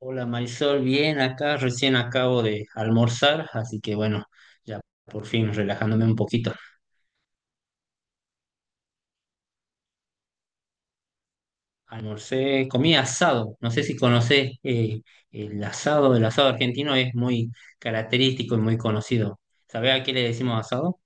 Hola Marisol, bien acá, recién acabo de almorzar, así que bueno, ya por fin relajándome un poquito. Almorcé, comí asado, no sé si conocés el asado argentino es muy característico y muy conocido. ¿Sabés a qué le decimos asado?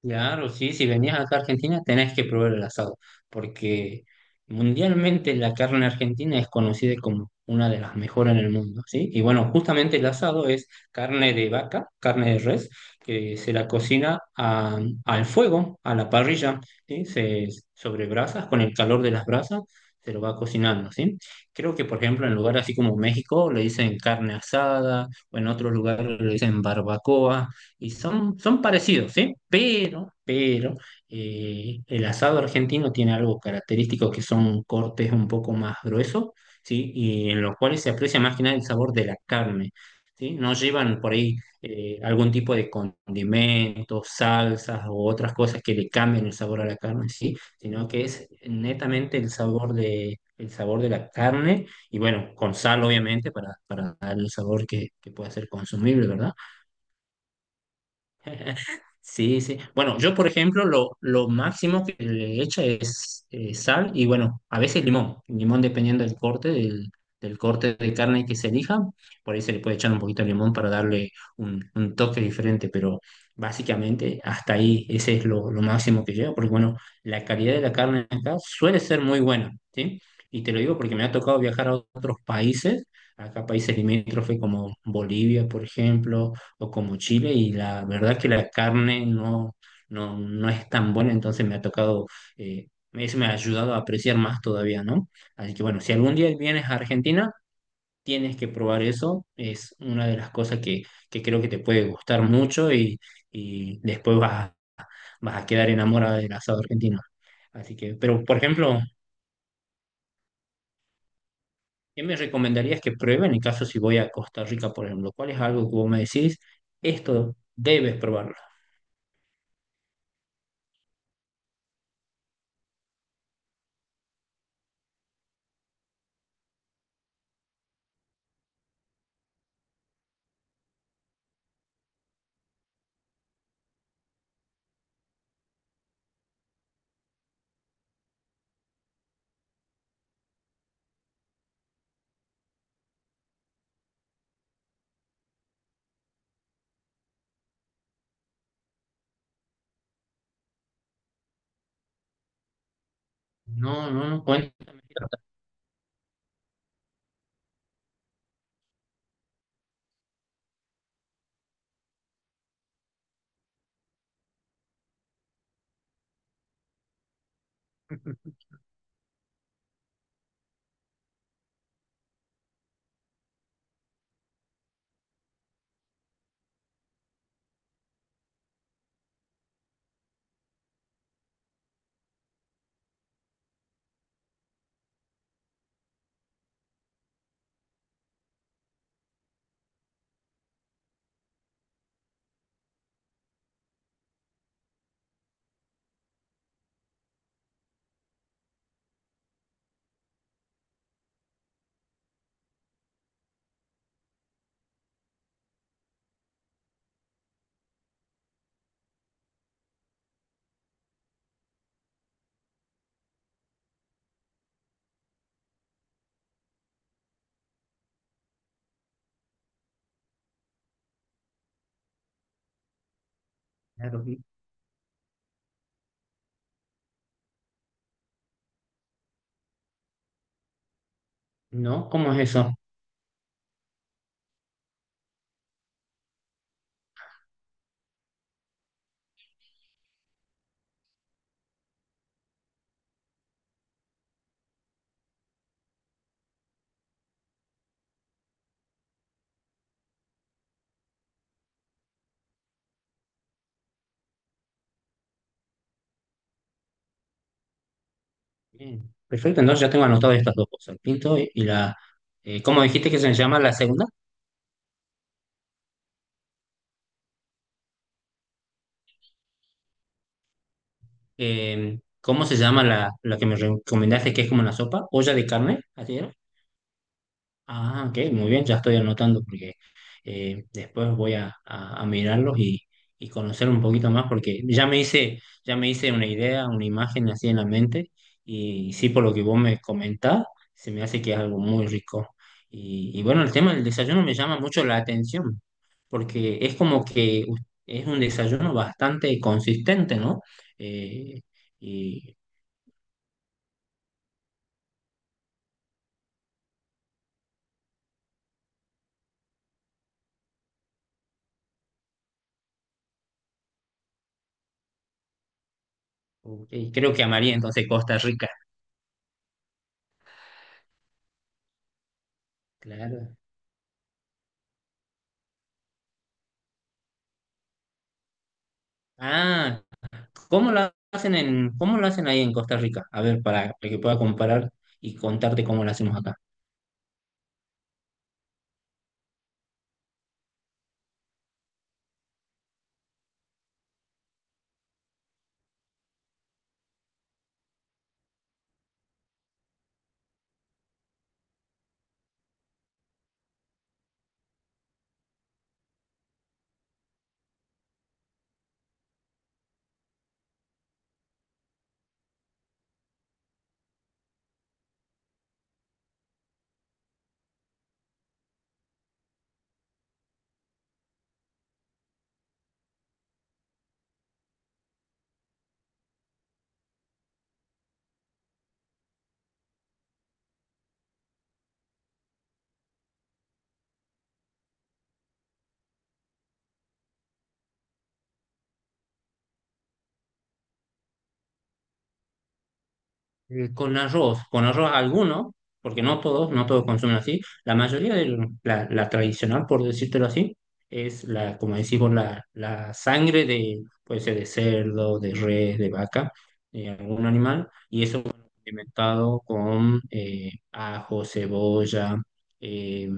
Claro, sí, si venías acá a Argentina tenés que probar el asado, porque mundialmente la carne argentina es conocida como una de las mejores en el mundo, ¿sí? Y bueno, justamente el asado es carne de vaca, carne de res, que se la cocina a- al fuego, a la parrilla, ¿sí? Se, sobre brasas, con el calor de las brasas, se lo va cocinando, ¿sí? Creo que, por ejemplo, en lugares así como México le dicen carne asada, o en otros lugares le dicen barbacoa y son parecidos, ¿sí? Pero el asado argentino tiene algo característico que son cortes un poco más gruesos, ¿sí? Y en los cuales se aprecia más que nada el sabor de la carne, ¿sí? No llevan por ahí algún tipo de condimentos, salsas o otras cosas que le cambien el sabor a la carne, ¿sí? Sino que es netamente el sabor de la carne y bueno, con sal obviamente para dar el sabor que pueda ser consumible, ¿verdad? Sí, sí. Bueno, yo, por ejemplo, lo máximo que le echa es sal y, bueno, a veces limón. Limón dependiendo del corte de carne que se elija. Por ahí se le puede echar un poquito de limón para darle un toque diferente, pero básicamente hasta ahí ese es lo máximo que llevo, porque, bueno, la calidad de la carne acá suele ser muy buena, ¿sí? Y te lo digo porque me ha tocado viajar a otros países, acá países limítrofes como Bolivia, por ejemplo, o como Chile y la verdad que la carne no, no, no es tan buena, entonces me ha tocado, eh, eso me ha ayudado a apreciar más todavía, ¿no? Así que bueno, si algún día vienes a Argentina, tienes que probar eso, es una de las cosas que creo que te puede gustar mucho y, y después vas, a- vas a quedar enamorada del asado argentino. Así que, pero por ejemplo... ¿Qué me recomendarías que pruebe en el caso si voy a Costa Rica, por ejemplo? ¿Cuál es algo que vos me decís? Esto debes probarlo. No, no, no, cuéntame. Claro, sí. No, ¿cómo es eso? Bien, perfecto, entonces ya tengo anotado estas dos cosas, el pinto y la... ¿cómo dijiste que se llama la segunda? ¿Cómo se llama la que me recomendaste que es como una sopa? ¿Olla de carne? ¿Así era? Ah, ok, muy bien, ya estoy anotando porque después a mirarlos y conocer un poquito más porque ya me hice una idea, una imagen así en la mente y sí, por lo que vos me comentás, se me hace que es algo muy rico. Y bueno, el tema del desayuno me llama mucho la atención porque es como que us- es un desayuno bastante consistente, ¿no? Eh, y, y creo que amaría entonces Costa Rica, claro. Ah, ¿cómo lo hacen en, cómo lo hacen ahí en Costa Rica? A ver, para que pueda comparar y contarte cómo lo hacemos acá. Con arroz alguno, porque no todos, no todos consumen así. La mayoría de lo- la tradicional, por decírtelo así, es la, como decimos, la sangre de, puede ser de cerdo, de res, de vaca, de algún animal, y eso bueno, alimentado con ajo, cebolla, eh,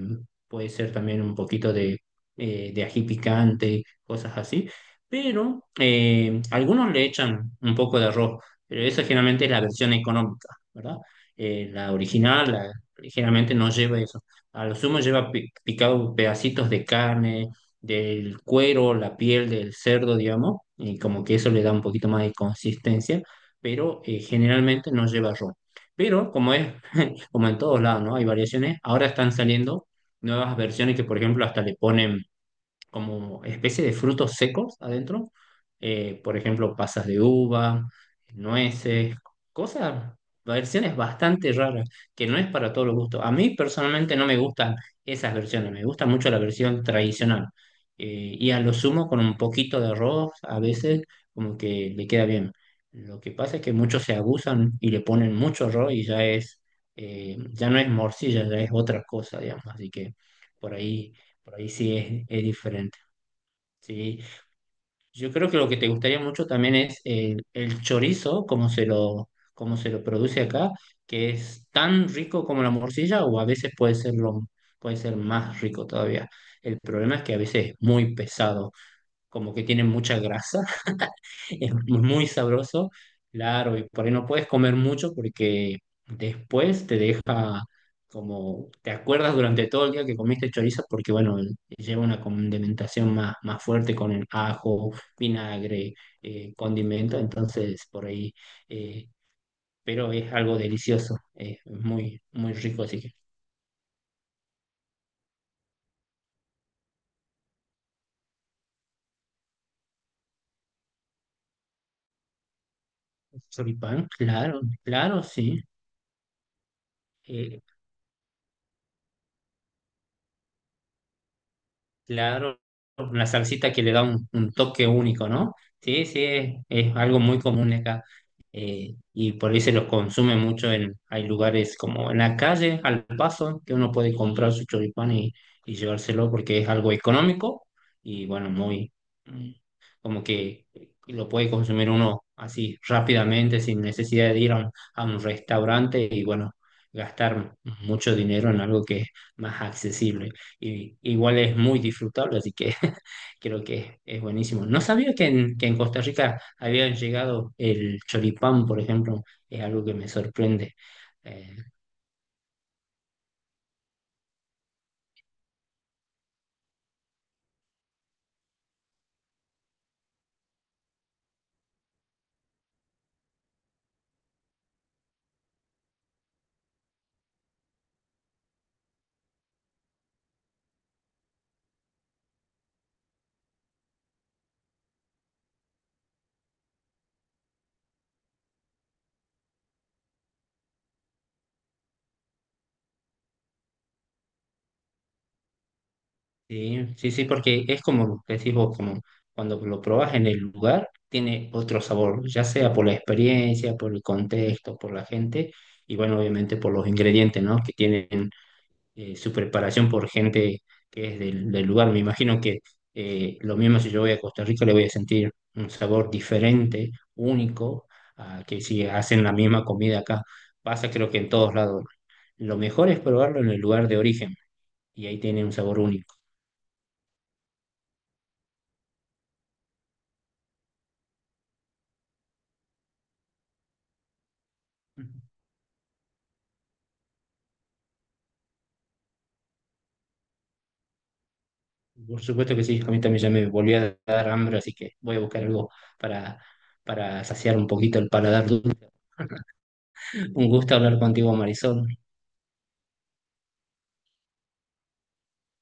puede ser también un poquito de ají picante, cosas así. Pero algunos le echan un poco de arroz, pero esa generalmente es la versión económica, ¿verdad? Eh, la original la- Generalmente no lleva eso. A lo sumo picado pedacitos de carne, del cuero, la piel del cerdo, digamos, y como que eso le da un poquito más de consistencia, pero generalmente no lleva ron. Pero como es, como en todos lados, ¿no? Hay variaciones, ahora están saliendo nuevas versiones que, por ejemplo, hasta le ponen como especie de frutos secos adentro. Por ejemplo, pasas de uva, nueces, cosas, versiones bastante raras, que no es para todos los gustos. A mí personalmente no me gustan esas versiones, me gusta mucho la versión tradicional. Y a lo sumo con un poquito de arroz, a veces como que le queda bien. Lo que pasa es que muchos se abusan y le ponen mucho arroz y ya es, ya no es morcilla, ya es otra cosa, digamos. Así que por ahí por ahí sí es diferente. Sí, yo creo que lo que te gustaría mucho también es el chorizo, como se lo produce acá, que es tan rico como la morcilla o a veces puede ser más rico todavía. El problema es que a veces es muy pesado, como que tiene mucha grasa, es muy sabroso, claro, y por ahí no puedes comer mucho porque después te deja como, te acuerdas durante todo el día que comiste chorizo porque, bueno, lleva una condimentación más, más fuerte con el ajo, vinagre, condimento, entonces eh, pero es algo delicioso, es muy, muy rico, así que choripán, claro, claro, sí. eh, Claro, la salsita que le da un toque único, ¿no? Sí, sí, es algo muy común acá. Y por ahí se los consume mucho en, hay lugares como en la calle, al paso, que uno puede comprar su choripán y llevárselo porque es algo económico y bueno, muy, mm, como que lo puede consumir uno así rápidamente sin necesidad de ir a un restaurante y bueno, gastar mucho dinero en algo que es más accesible y igual es muy disfrutable, así que creo que es buenísimo. No sabía que en Costa Rica había llegado el choripán, por ejemplo, es algo que me sorprende. Eh, sí, sí, sí, porque es como decís vos, como cuando lo probás en el lugar, tiene otro sabor, ya sea por la experiencia, por el contexto, por la gente, y bueno, obviamente por los ingredientes, ¿no? Que tienen su preparación por gente que es del, del lugar. Me imagino que lo mismo si yo voy a Costa Rica le voy a sentir un sabor diferente, único, a que si hacen la misma comida acá. Pasa creo que en todos lados. Lo mejor es probarlo en el lugar de origen y ahí tiene un sabor único. Por supuesto que sí, a mí también ya me volvió a dar hambre, así que voy a buscar algo para, para saciar un poquito el paladar. Un gusto hablar contigo, Marisol.